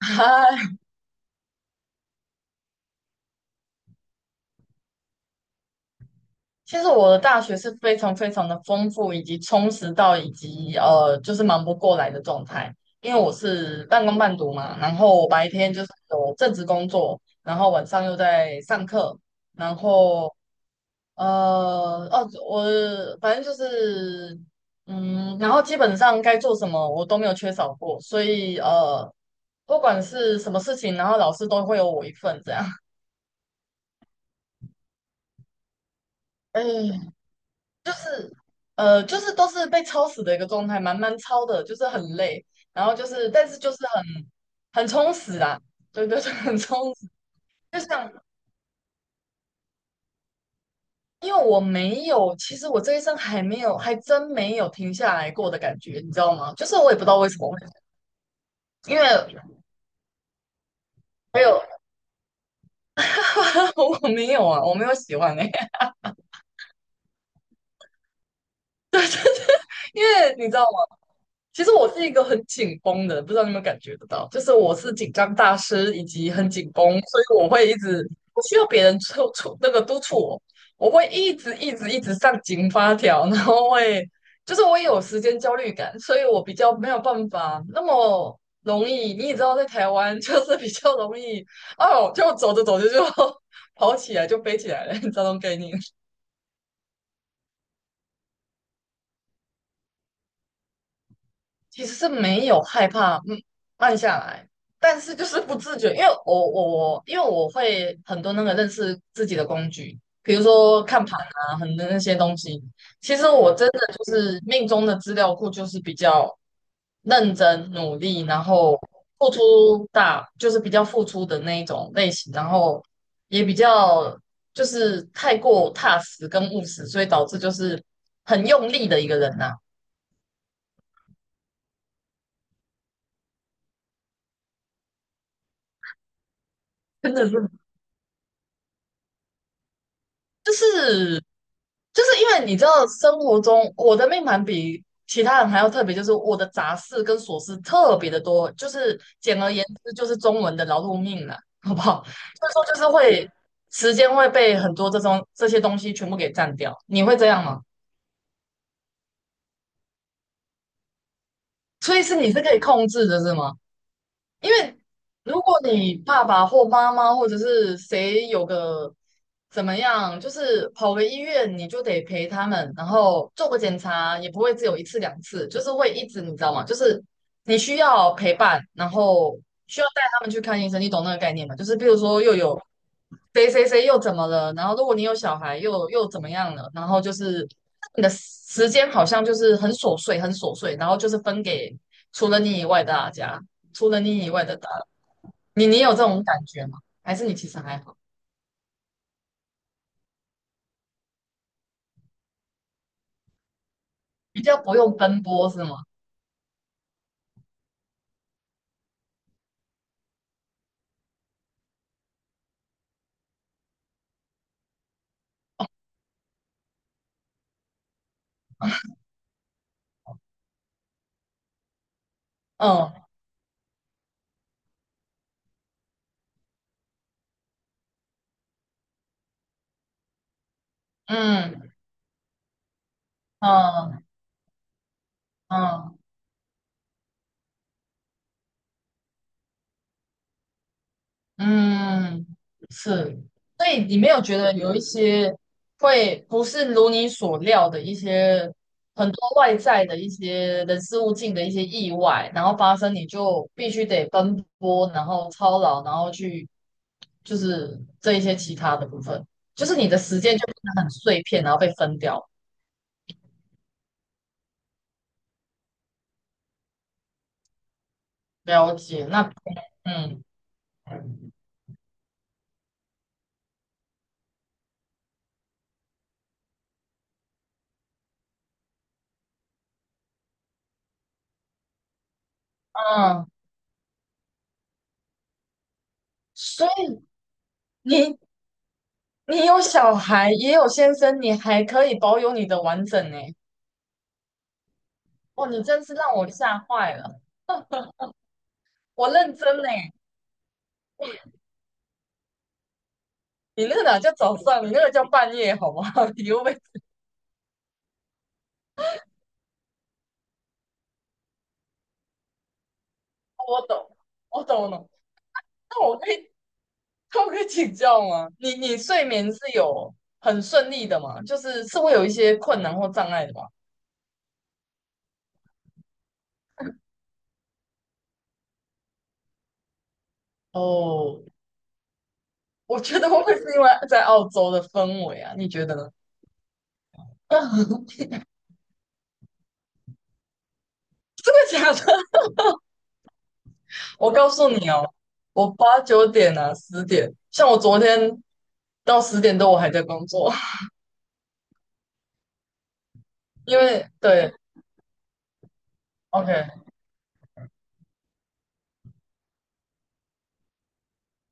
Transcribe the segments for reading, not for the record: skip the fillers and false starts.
嗨，其实我的大学是非常的丰富，以及充实到就是忙不过来的状态。因为我是半工半读嘛，然后我白天就是有正职工作，然后晚上又在上课，然后呃，哦，我反正就是嗯，然后基本上该做什么我都没有缺少过，所以不管是什么事情，然后老师都会有我一份这样。哎，就是就是都是被超死的一个状态，蛮超的，就是很累，但是就是很充实啦。对对对，很充实。就像因为我没有，其实我这一生还没有，还真没有停下来过的感觉，你知道吗？就是我也不知道为什么，因为没有 我没有啊，我没有喜欢哎、因为你知道。其实我是一个很紧绷的，不知道你有没有感觉得到，就是我是紧张大师，以及很紧绷，所以我会一直不需要别人促促那个督促我，我会一直上紧发条，然后会就是我也有时间焦虑感，所以我比较没有办法那么容易，你也知道在台湾 就是比较容易哦，就走着走着就 跑起来就飞起来了，你知道这种概念。其实是没有害怕，嗯，慢下来，但是就是不自觉，因为我会很多那个认识自己的工具，比如说看盘啊，很多那些东西。其实我真的就是命中的资料库，就是比较认真努力，然后付出大，就是比较付出的那一种类型，然后也比较就是太过踏实跟务实，所以导致就是很用力的一个人呐、真的是。就是就是因为你知道，生活中我的命盘比其他人还要特别，就是我的杂事跟琐事特别的多，就是简而言之，就是中文的劳碌命了，好不好？所以说就是会时间会被很多这种这些东西全部给占掉，你会这样吗？所以是你是可以控制的，是吗？因为如果你爸爸或妈妈或者是谁有个怎么样，就是跑个医院，你就得陪他们，然后做个检查，也不会只有一次两次，就是会一直，你知道吗？就是你需要陪伴，然后需要带他们去看医生，你懂那个概念吗？就是比如说又有谁谁谁又怎么了，然后如果你有小孩又怎么样了，然后就是你的时间好像就是很琐碎，很琐碎，然后就是分给除了你以外的大家。除了你以外的打扰，你你有这种感觉吗？还是你其实还好，比较不用奔波是吗？嗯嗯嗯嗯嗯，是。所以你没有觉得有一些会不是如你所料的一些很多外在的一些人事物境的一些意外，然后发生，你就必须得奔波，然后操劳，然后去就是这一些其他的部分，就是你的时间就变得很碎片，然后被分掉。了解。那嗯嗯，所以你有小孩，也有先生，你还可以保有你的完整呢。哦，你真是让我吓坏了。我认真呢，你那个哪叫早上，你那个叫半夜，好不好？你又被我懂，我懂了。那我可以，那我可以请教吗？你你睡眠是有很顺利的吗？就是是会有一些困难或障碍的吗？哦，我觉得会不会是因为在澳洲的氛围啊？你觉得呢？真的假的？我告诉你哦，我八九点啊，十点，像我昨天到十点多我还在工作，因为对，OK，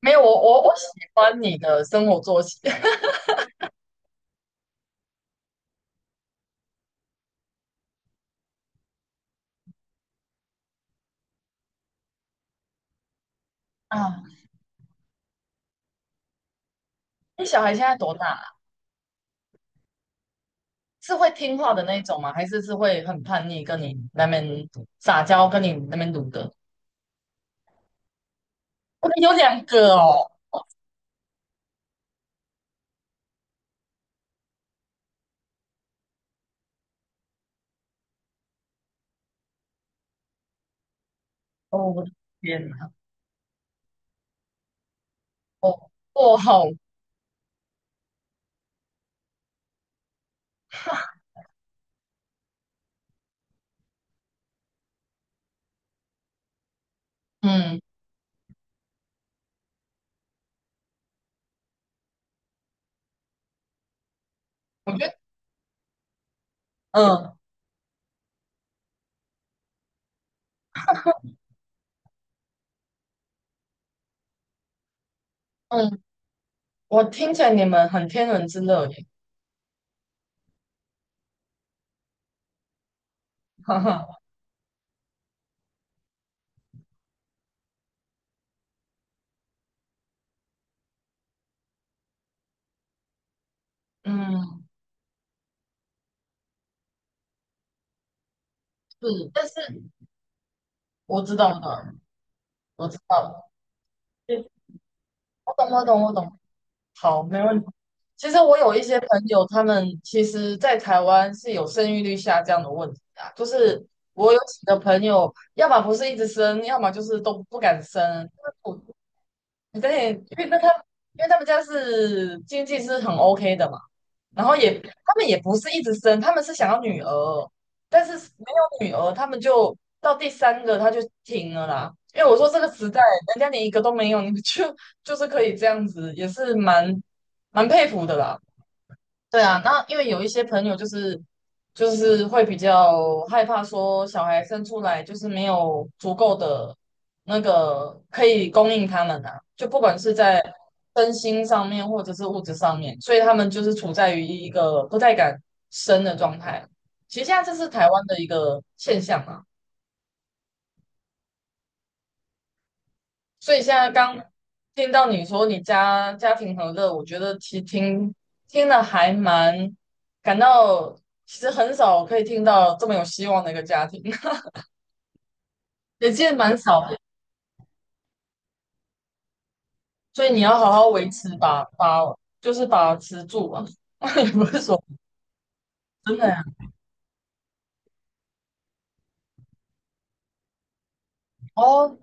没有我我我喜欢你的生活作息 啊。你小孩现在多大了？是会听话的那一种吗？还是是会很叛逆，跟你那边撒娇，跟你那边撸的？我们有两个哦，哦，我的天哪，哦，哦，好，嗯，我觉得，嗯嗯，我听起来你们很天伦之乐耶，哈哈，嗯，是，但是。我知道，我知道，对，我懂，我懂，我懂。好，没问题。其实我有一些朋友，他们其实在台湾是有生育率下降的问题啊。就是我有几个朋友，要么不是一直生，要么就是都不敢生。我有点，因为他们家是经济是很 OK 的嘛。然后也他们也不是一直生，他们是想要女儿，但是没有女儿，他们就到第三个他就停了啦。因为我说这个时代，人家连一个都没有，你们就就是可以这样子，也是蛮佩服的啦。对啊，那因为有一些朋友就是会比较害怕说小孩生出来就是没有足够的那个可以供应他们啊，就不管是在身心上面或者是物质上面，所以他们就是处在于一个不太敢生的状态。其实现在这是台湾的一个现象啊。所以现在刚听到你说你家家庭和乐，我觉得其实听了还蛮感到，其实很少可以听到这么有希望的一个家庭，也其实蛮少的。所以你要好好维持就是把持住啊，也不是说真的呀、哦，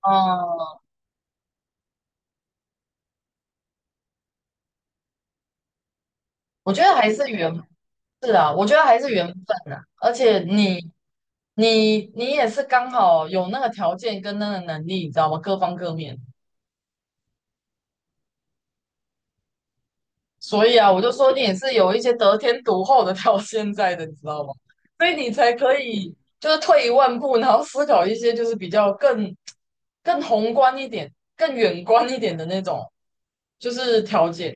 嗯，我觉得还是缘是啊，我觉得还是缘分啊，而且你你也是刚好有那个条件跟那个能力，你知道吗？各方各面。所以啊，我就说你也是有一些得天独厚的 到现在的，你知道吗？所以你才可以就是退一万步，然后思考一些就是比较更宏观一点、更远观一点的那种，就是条件。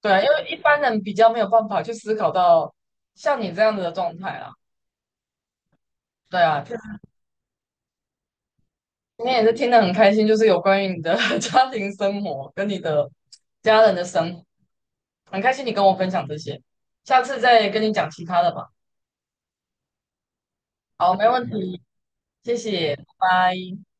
对啊，因为一般人比较没有办法去思考到像你这样子的状态啦。对啊，就是今天也是听得很开心，就是有关于你的 家庭生活跟你的家人的生活，很开心你跟我分享这些，下次再跟你讲其他的吧。好，没问题。谢谢，拜拜。